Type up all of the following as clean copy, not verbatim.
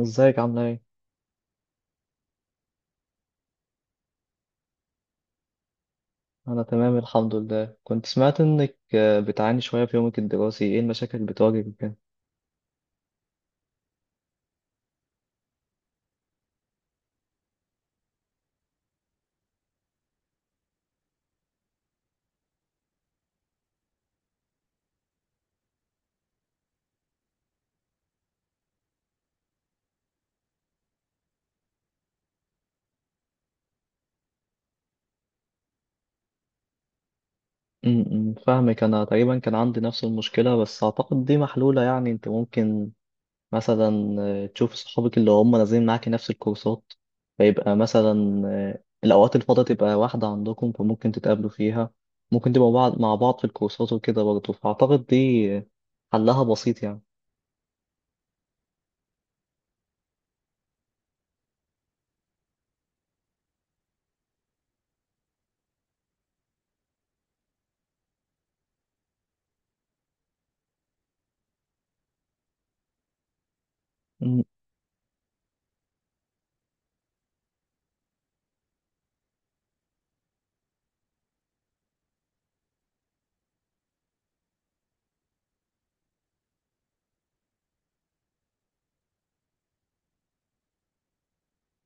ازيك عاملة ايه؟ أنا تمام الحمد لله. كنت سمعت إنك بتعاني شوية في يومك الدراسي. ايه المشاكل اللي بتواجهك وكده؟ م- م، فاهمك. أنا تقريبا كان عندي نفس المشكلة بس أعتقد دي محلولة. يعني أنت ممكن مثلا تشوف صحابك اللي هم نازلين معاكي نفس الكورسات، فيبقى مثلا الأوقات الفاضية تبقى واحدة عندكم فممكن تتقابلوا فيها. ممكن تبقوا بعض مع بعض في الكورسات وكده برضه، فأعتقد دي حلها بسيط يعني.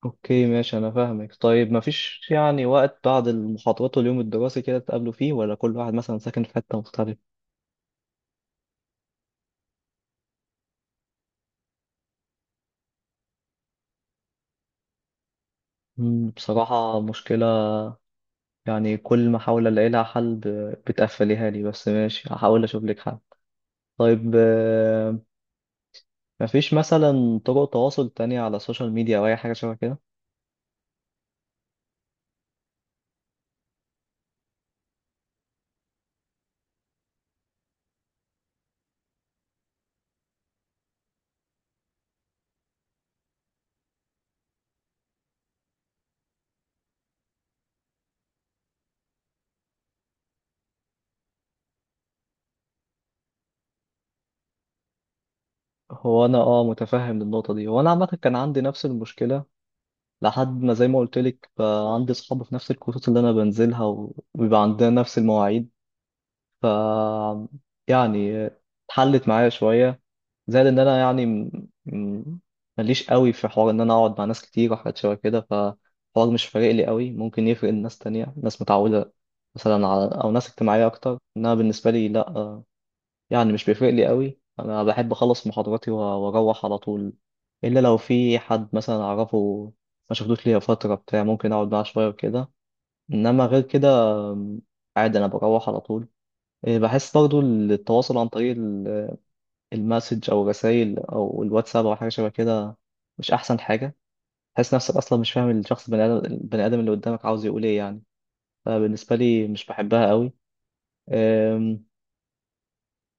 اوكي ماشي انا فاهمك. طيب مفيش يعني وقت بعد المحاضرات واليوم الدراسي كده تقابلوا فيه، ولا كل واحد مثلا ساكن في حتة مختلفة؟ مم، بصراحة مشكلة. يعني كل ما احاول الاقي لها حل بتقفليها لي، بس ماشي هحاول اشوف لك حل. طيب مفيش مثلا طرق تواصل تانية على السوشيال ميديا او اي حاجة شبه كده؟ هو انا اه متفهم النقطة دي، وانا عامة كان عندي نفس المشكلة لحد ما زي ما قلت لك بقى عندي اصحاب في نفس الكورسات اللي انا بنزلها وبيبقى عندنا نفس المواعيد. ف يعني اتحلت معايا شوية. زائد ان انا يعني ماليش قوي في حوار ان انا اقعد مع ناس كتير وحاجات شبه كده، فالحوار مش فارق لي قوي. ممكن يفرق لناس تانية، ناس متعودة مثلا على، او ناس اجتماعية اكتر، انما بالنسبة لي لا. يعني مش بيفرق لي قوي. انا بحب اخلص محاضراتي واروح على طول، الا لو في حد مثلا اعرفه ما شفتوش ليا فترة بتاع ممكن اقعد معاه شوية وكده. انما غير كده آم، عادي انا بروح على طول. بحس برضو التواصل عن طريق المسج او الرسائل او الواتساب او حاجه شبه كده مش احسن حاجه. تحس نفسك اصلا مش فاهم الشخص البني ادم اللي قدامك عاوز يقول ايه يعني. فبالنسبه لي مش بحبها قوي. أم،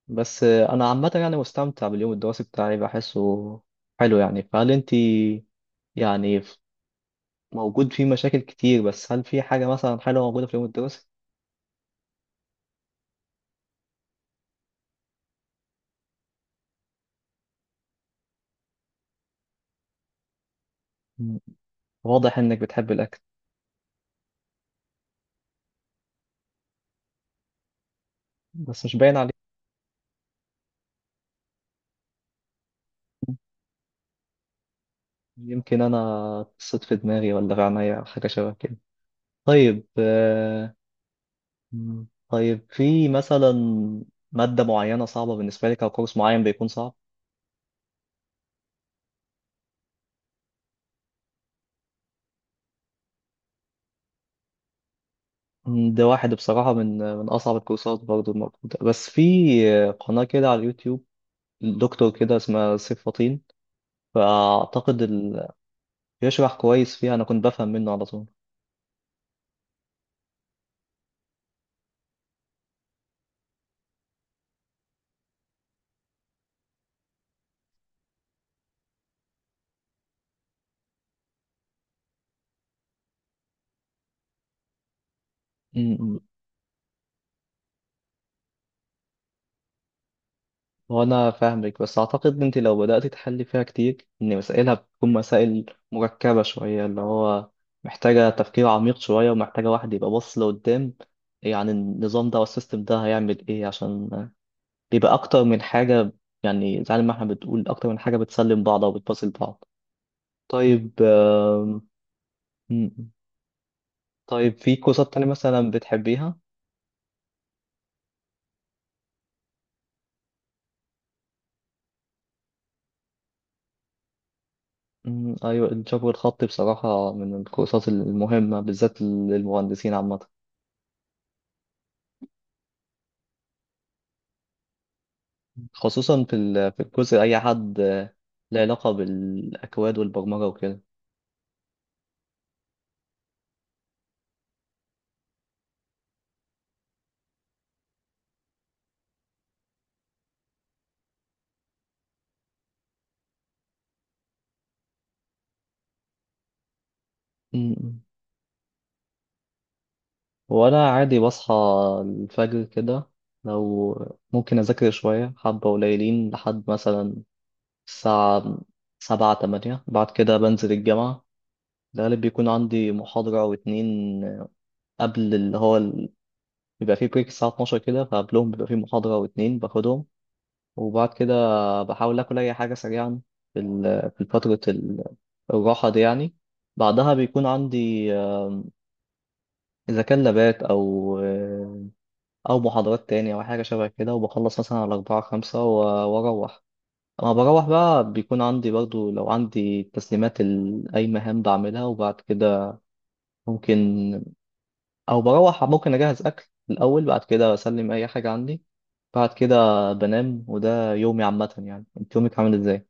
بس انا عامه يعني مستمتع باليوم الدراسي بتاعي، بحسه حلو يعني. فهل انت يعني موجود فيه مشاكل كتير، بس هل في حاجه مثلا حلوه موجوده في اليوم الدراسي؟ مم. واضح انك بتحب الاكل. بس مش باين عليك. يمكن أنا قصت في دماغي ولا في عينيا أو حاجة شبه كده. طيب مم، طيب في مثلا مادة معينة صعبة بالنسبة لك أو كورس معين بيكون صعب؟ مم، ده واحد بصراحة من أصعب الكورسات برضو الموجودة. بس في قناة كده على اليوتيوب، دكتور كده اسمها سيف فطين، فأعتقد ال... بيشرح كويس فيها. أنا كنت بفهم منه على طول. هو أنا فاهمك، بس أعتقد إن أنت لو بدأت تحلي فيها كتير، إن مسائلها بتكون مسائل مركبة شوية، اللي هو محتاجة تفكير عميق شوية ومحتاجة واحد يبقى باص لقدام، يعني النظام ده والسيستم ده هيعمل إيه، عشان بيبقى أكتر من حاجة. يعني زي ما إحنا بتقول أكتر من حاجة بتسلم بعض أو بتباصل بعض. طيب م- طيب في كورسات تانية مثلا بتحبيها؟ م، أيوة. الجبر الخطي بصراحة من الكورسات المهمة بالذات للمهندسين عامة، خصوصا في في الجزء أي حد له علاقة بالأكواد والبرمجة وكده. م- م. وأنا عادي بصحى الفجر كده، لو ممكن أذاكر شوية حبة قليلين لحد مثلا الساعة 7 8. بعد كده بنزل الجامعة. الغالب بيكون عندي محاضرة أو اتنين قبل اللي هو بيبقى فيه بريك الساعة 12 كده، فقبلهم بيبقى فيه محاضرة أو اتنين باخدهم. وبعد كده بحاول آكل أي حاجة سريعا في في فترة الراحة دي يعني. بعدها بيكون عندي إذا كان لابات أو أو محاضرات تانية أو حاجة شبه كده. وبخلص مثلا على 4 5 وأروح. أما بروح بقى بيكون عندي برضو لو عندي تسليمات أي مهام بعملها. وبعد كده ممكن، أو بروح ممكن أجهز أكل الأول بعد كده أسلم أي حاجة عندي. بعد كده بنام. وده يومي عامة يعني. أنت يومك عامل إزاي؟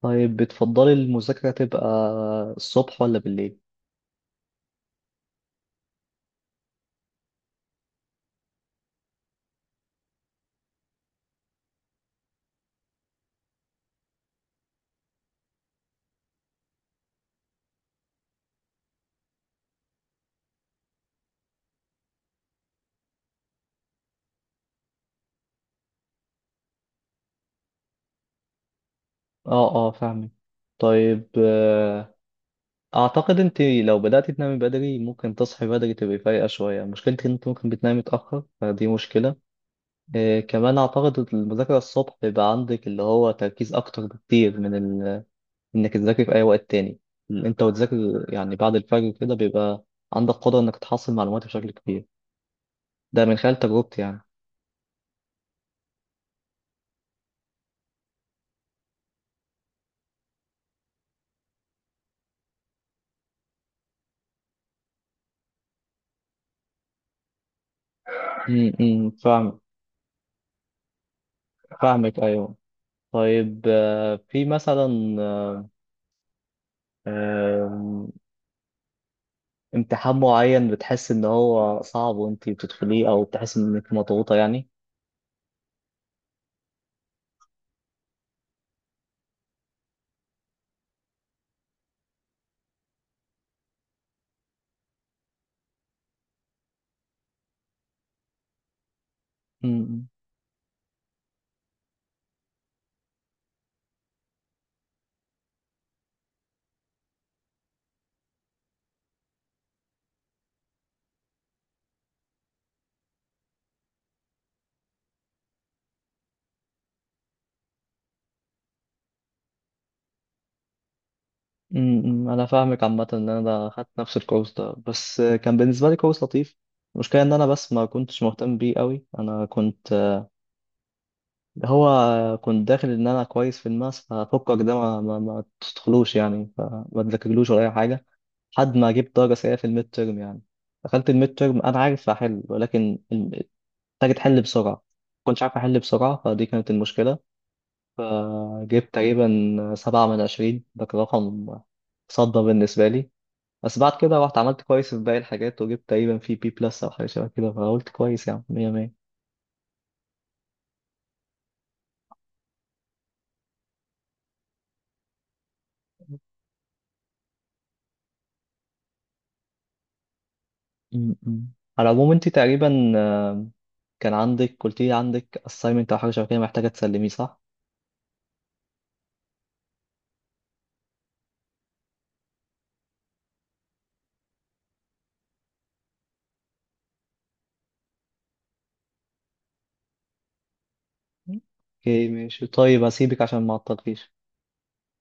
طيب بتفضلي المذاكرة تبقى الصبح ولا بالليل؟ اه اه فاهمك. طيب اعتقد انت لو بدأتي تنامي بدري ممكن تصحي بدري تبقي فايقة شوية. مشكلتك ان انت ممكن بتنامي متأخر، فدي مشكلة. كمان اعتقد المذاكرة الصبح بيبقى عندك اللي هو تركيز اكتر بكتير من ال... انك تذاكري في اي وقت تاني اللي انت وتذاكر. يعني بعد الفجر كده بيبقى عندك قدرة انك تحصل معلومات بشكل كبير. ده من خلال تجربتي يعني. امم، فاهم فاهمك ايوه. طيب في مثلا آم، امتحان معين بتحس ان هو صعب وانتي بتدخليه، او بتحس انك مضغوطة يعني؟ امم انا فاهمك. عامة ان انا خدت نفس الكورس ده، بس كان بالنسبة لي كورس لطيف. المشكلة ان انا بس ما كنتش مهتم بيه قوي. انا كنت هو كنت داخل ان انا كويس في الماس، ففكك ده ما تدخلوش يعني، فما تذاكرلوش ولا اي حاجة لحد ما جبت درجة سيئة في الميد تيرم يعني. دخلت الميد تيرم انا عارف احل، ولكن محتاج تحل بسرعة. ما كنتش عارف أحل بسرعة، فدي كانت المشكلة. فجبت تقريبا 7 من 20. ده كان رقم صدى بالنسبة لي. بس بعد كده رحت عملت كويس في باقي الحاجات وجبت تقريبا في بي بلس أو حاجة شبه كده، فقلت كويس يعني مية مية. م- م. على العموم أنت تقريبا كان عندك، قلت لي عندك assignment أو حاجة شبه كده محتاجة تسلميه، صح؟ اوكي ماشي. طيب هسيبك عشان ما أعطلكيش.